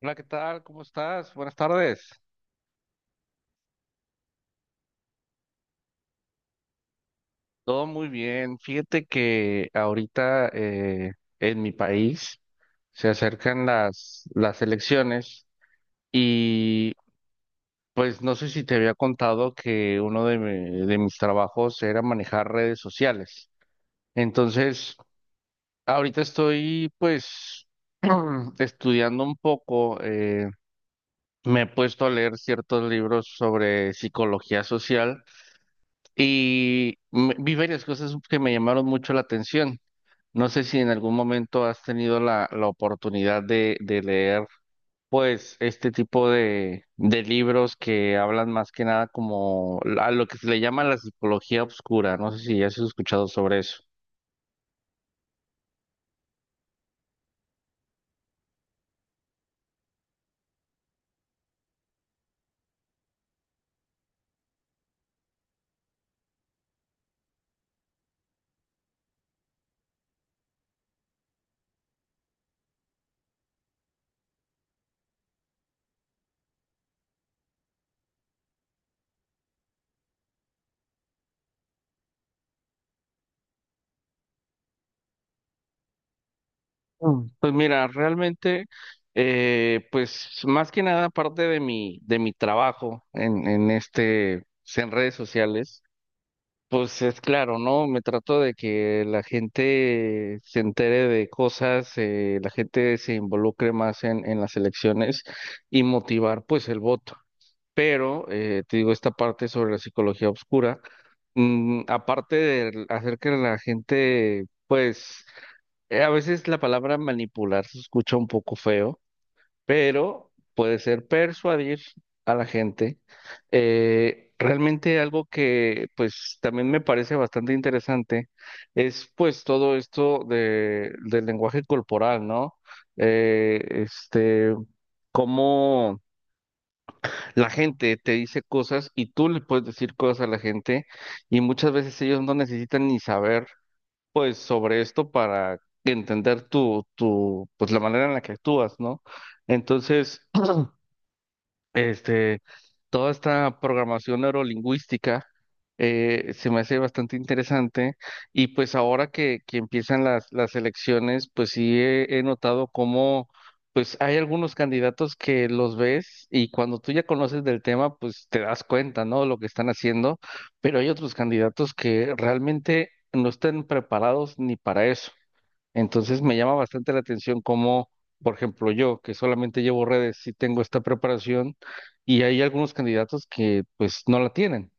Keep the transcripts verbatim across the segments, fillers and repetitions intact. Hola, ¿qué tal? ¿Cómo estás? Buenas tardes. Todo muy bien. Fíjate que ahorita eh, en mi país se acercan las, las elecciones y pues no sé si te había contado que uno de, mi- de mis trabajos era manejar redes sociales. Entonces, ahorita estoy pues estudiando un poco, eh, me he puesto a leer ciertos libros sobre psicología social. Y me- vi varias cosas que me llamaron mucho la atención. No sé si en algún momento has tenido la, la oportunidad de, de leer, pues, este tipo de, de libros que hablan más que nada como a lo que se le llama la psicología oscura. No sé si has escuchado sobre eso. Mm. Pues mira, realmente, eh, pues más que nada aparte de mi, de mi trabajo en, en este, en redes sociales. Pues es claro, ¿no? Me trato de que la gente se entere de cosas, eh, la gente se involucre más en, en las elecciones y motivar pues el voto. Pero, eh, te digo, esta parte sobre la psicología oscura, mm, aparte de hacer que la gente, pues, eh, a veces la palabra manipular se escucha un poco feo, pero puede ser persuadir a la gente. Eh, realmente algo que pues también me parece bastante interesante es pues todo esto de, del lenguaje corporal, ¿no? Eh, este, cómo la gente te dice cosas y tú le puedes decir cosas a la gente, y muchas veces ellos no necesitan ni saber pues sobre esto para entender tu, tu, pues la manera en la que actúas, ¿no? Entonces, Este, toda esta programación neurolingüística eh, se me hace bastante interesante. Y pues ahora que, que empiezan las, las elecciones, pues sí he, he notado cómo pues hay algunos candidatos que los ves, y cuando tú ya conoces del tema, pues te das cuenta, ¿no? Lo que están haciendo, pero hay otros candidatos que realmente no están preparados ni para eso. Entonces me llama bastante la atención cómo, por ejemplo, yo que solamente llevo redes, sí tengo esta preparación, y hay algunos candidatos que pues no la tienen.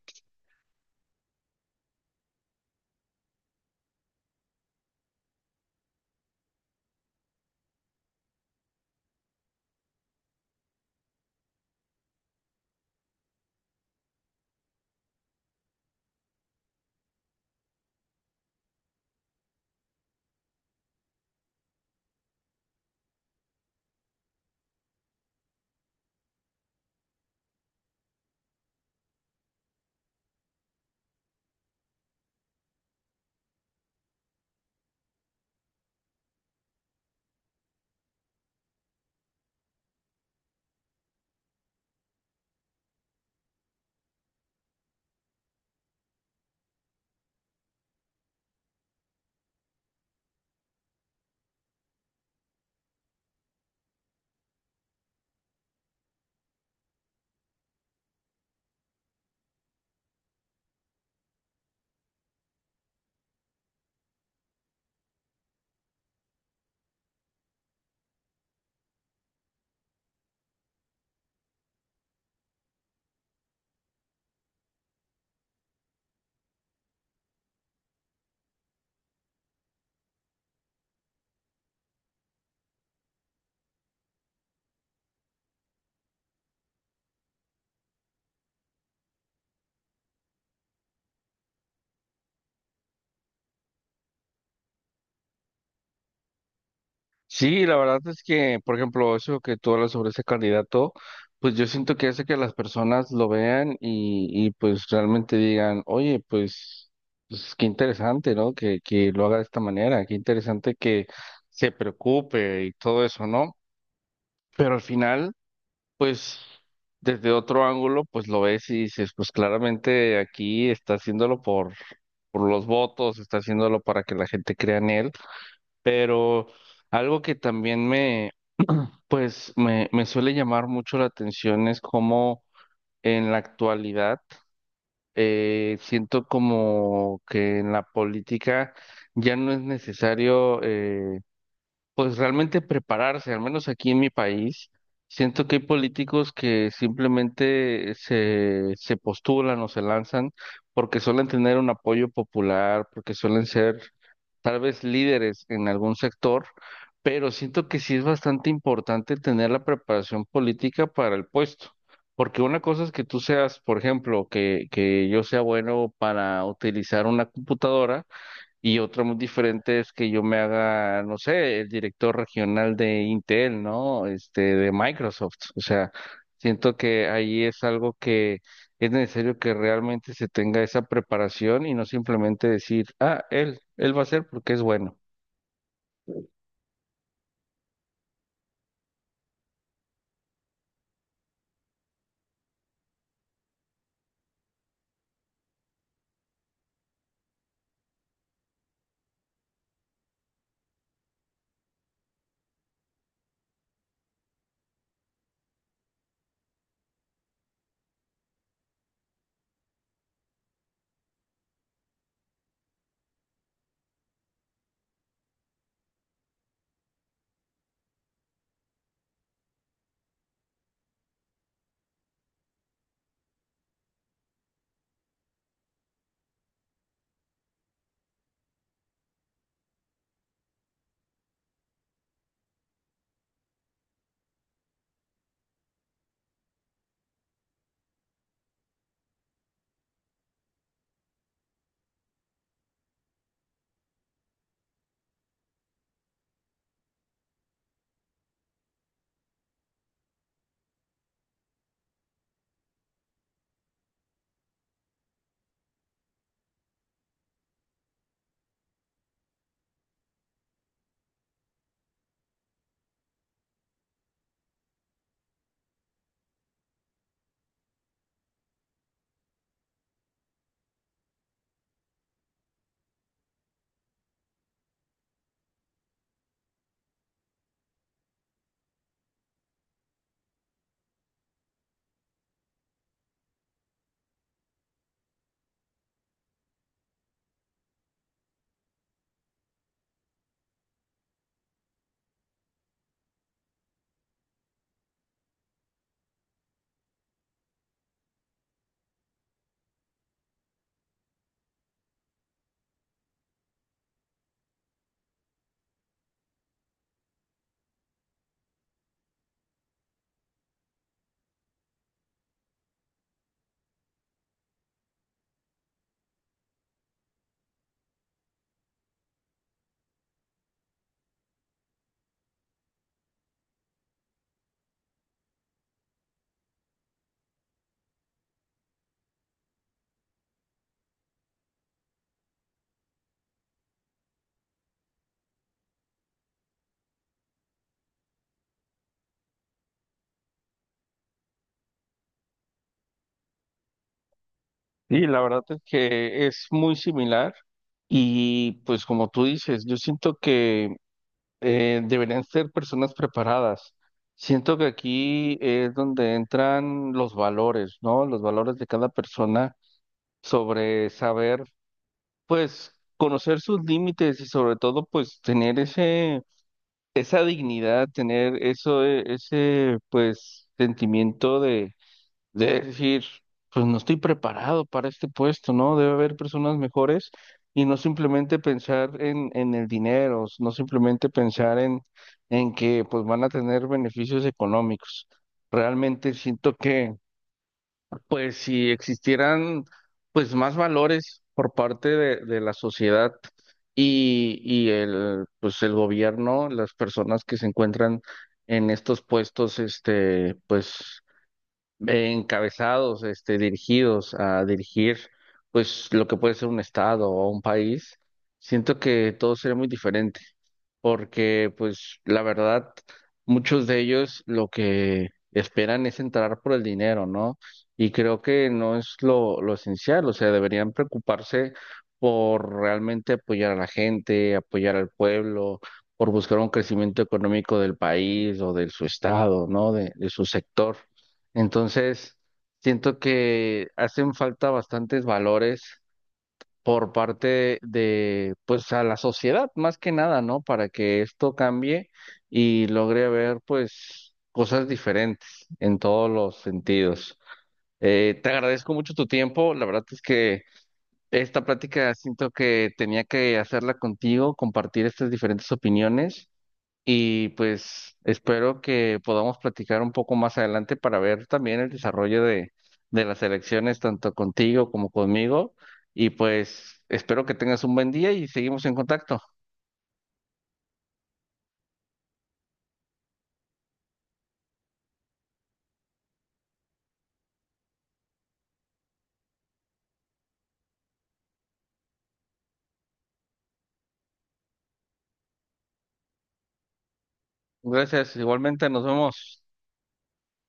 Sí, la verdad es que, por ejemplo, eso que tú hablas sobre ese candidato, pues yo siento que hace que las personas lo vean, y, y pues realmente digan: oye, pues, pues qué interesante, ¿no? Que, que lo haga de esta manera, qué interesante que se preocupe y todo eso, ¿no? Pero al final... pues desde otro ángulo, pues lo ves y dices, pues claramente aquí está haciéndolo por, por los votos, está haciéndolo para que la gente crea en él. Pero algo que también me, pues me, me suele llamar mucho la atención es cómo en la actualidad eh, siento como que en la política ya no es necesario eh, pues realmente prepararse, al menos aquí en mi país. Siento que hay políticos que simplemente se, se postulan o se lanzan porque suelen tener un apoyo popular, porque suelen ser tal vez líderes en algún sector, pero siento que sí es bastante importante tener la preparación política para el puesto, porque una cosa es que tú seas, por ejemplo, que, que yo sea bueno para utilizar una computadora. Y otra muy diferente es que yo me haga, no sé, el director regional de Intel, ¿no? Este, de Microsoft. O sea, siento que ahí es algo que es necesario que realmente se tenga esa preparación, y no simplemente decir: ah, él, él va a ser porque es bueno. Y la verdad es que es muy similar. Y pues como tú dices, yo siento que eh, deberían ser personas preparadas. Siento que aquí es donde entran los valores, ¿no? Los valores de cada persona sobre saber, pues, conocer sus límites, y sobre todo, pues, tener ese, esa dignidad, tener eso, eh, ese, pues, sentimiento de de decir, pues no estoy preparado para este puesto, ¿no? Debe haber personas mejores, y no simplemente pensar en, en el dinero, no simplemente pensar en, en que pues van a tener beneficios económicos. Realmente siento que pues si existieran pues más valores por parte de, de la sociedad y, y el pues el gobierno, las personas que se encuentran en estos puestos, este, pues eh, encabezados, este, dirigidos a dirigir, pues lo que puede ser un estado o un país, siento que todo sería muy diferente, porque pues la verdad, muchos de ellos lo que esperan es entrar por el dinero, ¿no? Y creo que no es lo, lo esencial, o sea, deberían preocuparse por realmente apoyar a la gente, apoyar al pueblo, por buscar un crecimiento económico del país o de su estado, ¿no? de de su sector. Entonces, siento que hacen falta bastantes valores por parte de, pues, a la sociedad, más que nada, ¿no? Para que esto cambie y logre ver, pues, cosas diferentes en todos los sentidos. Eh, te agradezco mucho tu tiempo. La verdad es que esta plática siento que tenía que hacerla contigo, compartir estas diferentes opiniones. Y pues espero que podamos platicar un poco más adelante para ver también el desarrollo de, de las elecciones, tanto contigo como conmigo. Y pues espero que tengas un buen día y seguimos en contacto. Gracias, igualmente, nos vemos.